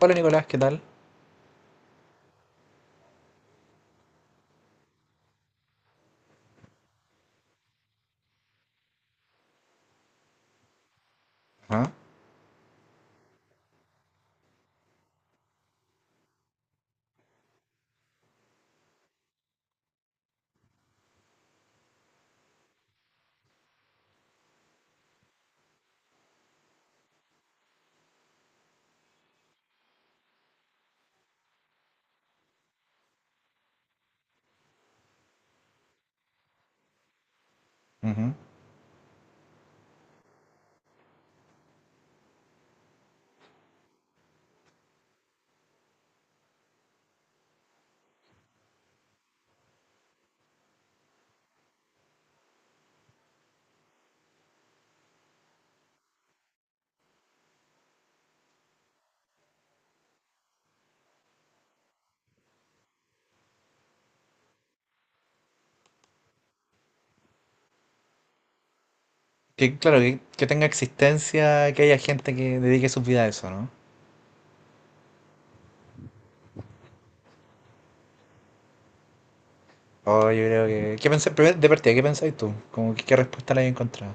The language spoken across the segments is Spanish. Hola Nicolás, ¿qué tal? Ajá, ujú. Que claro, que tenga existencia, que haya gente que dedique su vida a eso, ¿no? Oh, yo creo que... ¿Qué pensé, primero, de partida, ¿qué pensáis tú? Como que, ¿qué respuesta le hayas encontrado?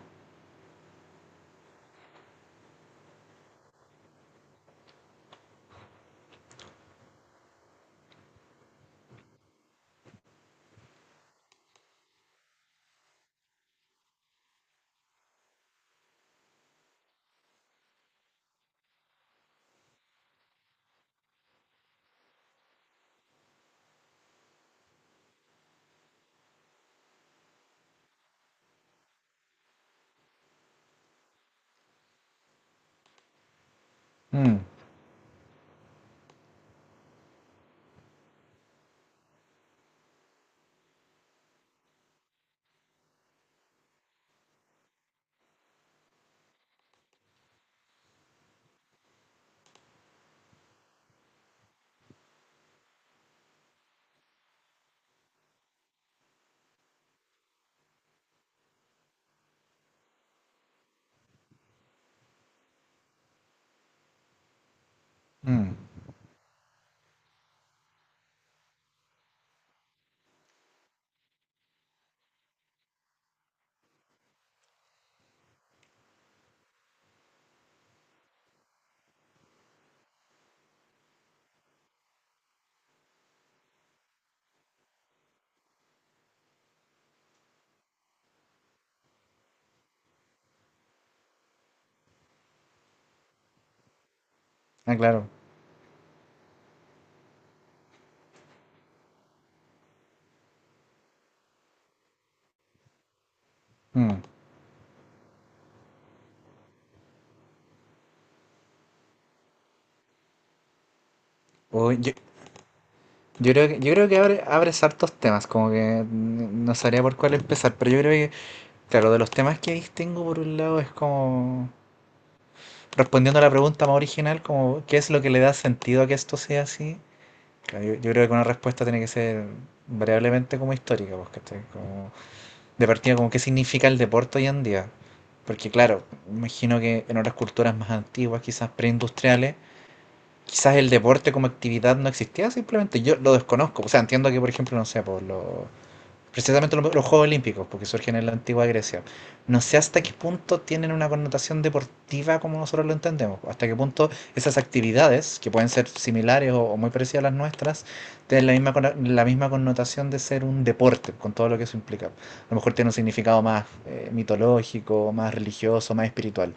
Mm, mm. Ah, claro. Mm. Oh, yo creo que, yo creo que abres hartos temas, como que no sabría por cuál empezar, pero yo creo que, claro, de los temas que distingo por un lado es como, respondiendo a la pregunta más original, como, ¿qué es lo que le da sentido a que esto sea así? Claro, yo creo que una respuesta tiene que ser variablemente como histórica, pues, ¿cachai? Como, de partida, como qué significa el deporte hoy en día. Porque claro, imagino que en otras culturas más antiguas, quizás preindustriales, quizás el deporte como actividad no existía simplemente. Yo lo desconozco. O sea, entiendo que, por ejemplo, no sé, por los precisamente los Juegos Olímpicos, porque surgen en la antigua Grecia. No sé hasta qué punto tienen una connotación deportiva como nosotros lo entendemos, hasta qué punto esas actividades, que pueden ser similares o muy parecidas a las nuestras, tienen la misma, la misma connotación de ser un deporte, con todo lo que eso implica. A lo mejor tiene un significado más mitológico, más religioso, más espiritual.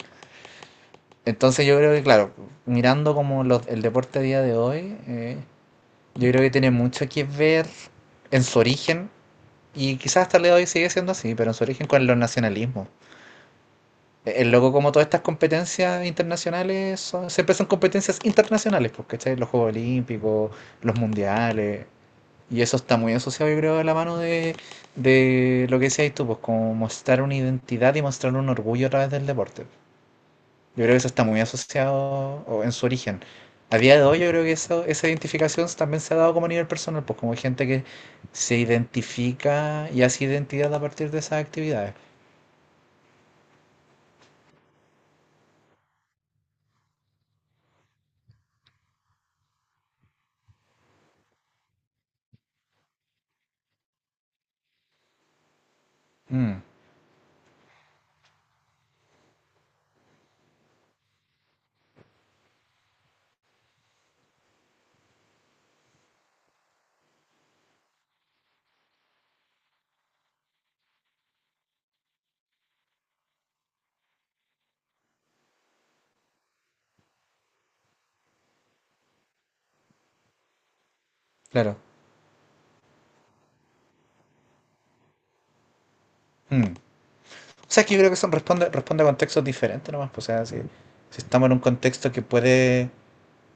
Entonces yo creo que, claro, mirando como el deporte a día de hoy, yo creo que tiene mucho que ver en su origen y quizás hasta el día de hoy sigue siendo así, pero en su origen con los nacionalismos. El loco, como todas estas competencias internacionales, siempre son competencias internacionales, porque ¿cachai? Los Juegos Olímpicos, los Mundiales, y eso está muy asociado, yo creo, a la mano de lo que decías tú, pues como mostrar una identidad y mostrar un orgullo a través del deporte. Yo creo que eso está muy asociado o en su origen. A día de hoy yo creo que esa identificación también se ha dado como a nivel personal, pues como gente que se identifica y hace identidad a partir de esas actividades. Mm, claro. Mm. O sea, es que yo creo que son responde, responde a contextos diferentes nomás, pues, o sea, si, si estamos en un contexto que puede,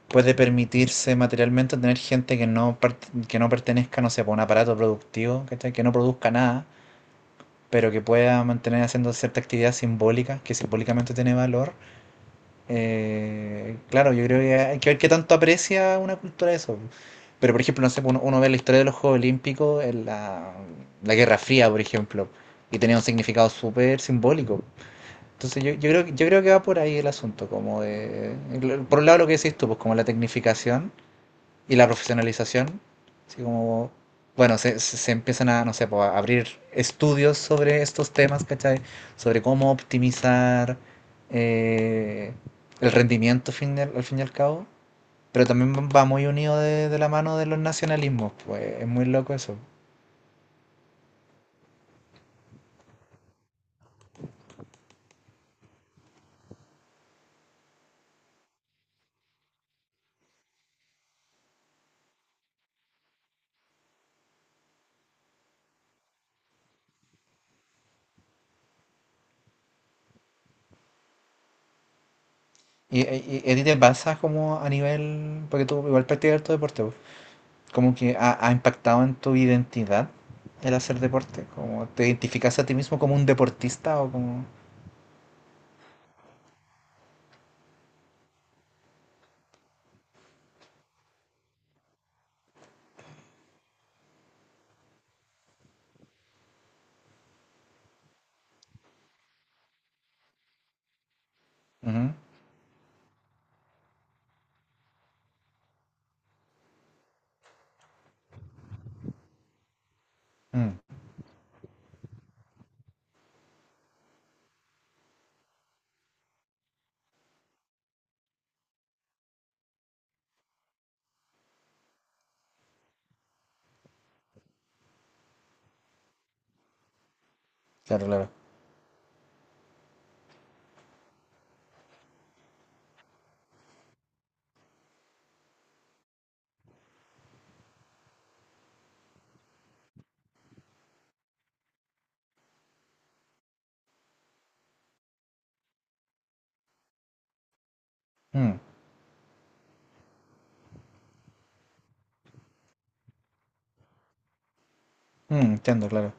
puede permitirse materialmente tener gente que no, que no pertenezca, no sé, pues, a un aparato productivo, ¿cachai? Que no produzca nada, pero que pueda mantener haciendo cierta actividad simbólica, que simbólicamente tiene valor. Claro, yo creo que hay que ver qué tanto aprecia una cultura eso. Pero, por ejemplo, no sé, uno, uno ve la historia de los Juegos Olímpicos en la, la Guerra Fría, por ejemplo, y tenía un significado súper simbólico. Entonces, yo creo, yo creo que va por ahí el asunto, como de, por un lado lo que decís tú, pues como la tecnificación, y la profesionalización. Así como, bueno, se, se empiezan a, no sé, po, a abrir estudios sobre estos temas, ¿cachai? Sobre cómo optimizar eh, el rendimiento al fin y al cabo. Pero también va muy unido de la mano de los nacionalismos, pues es muy loco eso. Y a ti te pasa como a nivel, porque tú igual practicas tu deporte, pues, como que ha, ha impactado en tu identidad el hacer deporte? ¿Como te identificas a ti mismo como un deportista o como...? Ujú. Mm, claro, claro. Mm, mm, entiendo, claro.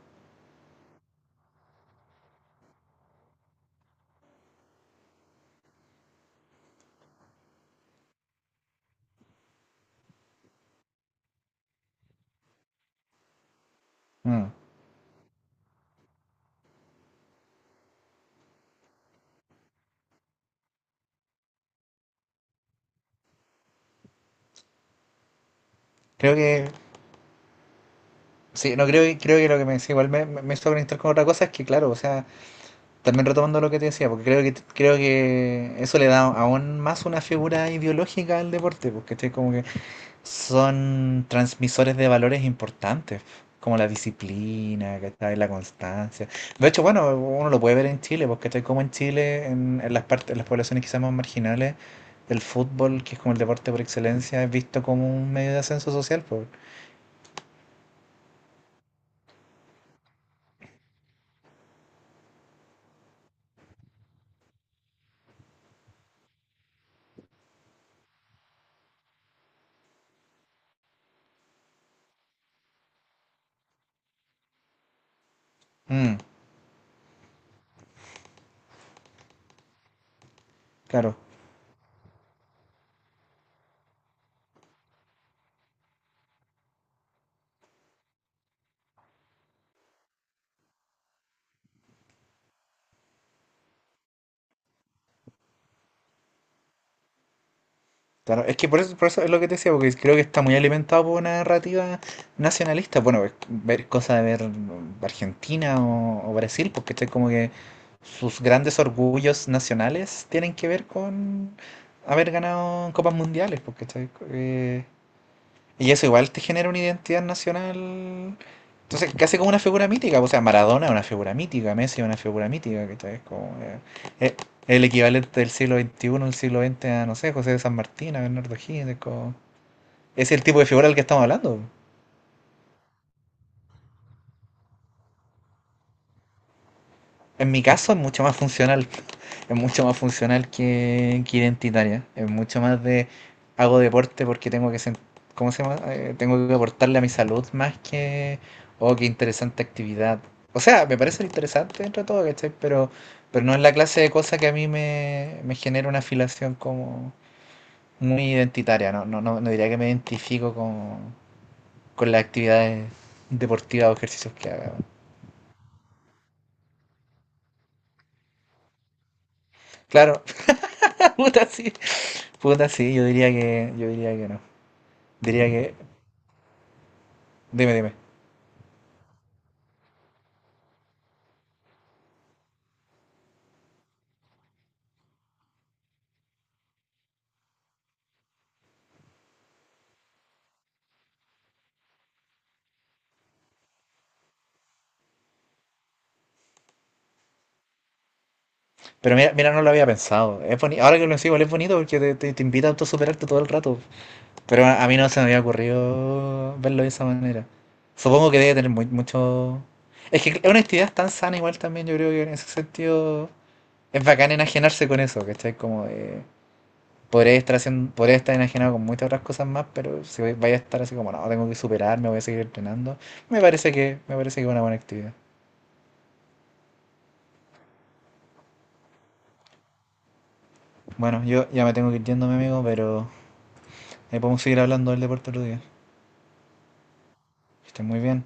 Mm. Creo que, sí, no creo, creo que lo que me decía, igual me, me hizo conectar con otra cosa, es que claro, o sea, también retomando lo que te decía, porque creo que eso le da aún más una figura ideológica al deporte, porque estoy como que son transmisores de valores importantes, como la disciplina, ¿cachai? La constancia. De hecho, bueno, uno lo puede ver en Chile, porque ¿cachai? Como en Chile, en las partes, en las poblaciones quizás más marginales, el fútbol, que es como el deporte por excelencia, es visto como un medio de ascenso social, pues. Mm, claro. Claro, es que por eso es lo que te decía, porque creo que está muy alimentado por una narrativa nacionalista. Bueno, ver cosas de ver Argentina o Brasil, porque es como que sus grandes orgullos nacionales tienen que ver con haber ganado copas mundiales, porque y eso igual te genera una identidad nacional. Entonces, casi como una figura mítica. O sea, Maradona es una figura mítica, Messi es una figura mítica, ¿cachai? Es como, eh, el equivalente del siglo XXI al siglo XX a, no sé, José de San Martín, a Bernardo O'Higgins. Es, es el tipo de figura del que estamos hablando. En mi caso es mucho más funcional. Es mucho más funcional que identitaria. Es mucho más de hago deporte porque tengo que ¿cómo se llama? Tengo que aportarle a mi salud más que oh, qué interesante actividad. O sea, me parece interesante dentro de todo, ¿cachai? Pero no es la clase de cosa que a mí me, me genera una afilación como muy identitaria. No, no, no, no diría que me identifico con las actividades deportivas o ejercicios que haga. Claro, puta sí. Puta sí, yo diría que no. Diría que dime, dime. Pero mira, mira, no lo había pensado. Es ahora que lo sigo, es bonito porque te invita a autosuperarte todo el rato. Pero a mí no se me había ocurrido verlo de esa manera. Supongo que debe tener muy, mucho... Es que es una actividad tan sana igual también, yo creo que en ese sentido es bacán enajenarse con eso, ¿cachai? Como de... Podría estar, haciendo, podría estar enajenado con muchas otras cosas más, pero si vaya a estar así como, no, tengo que superarme, voy a seguir entrenando, me parece que es una buena actividad. Bueno, yo ya me tengo que ir yendo, mi amigo, pero ahí podemos seguir hablando del deporte otro día. Que estén muy bien.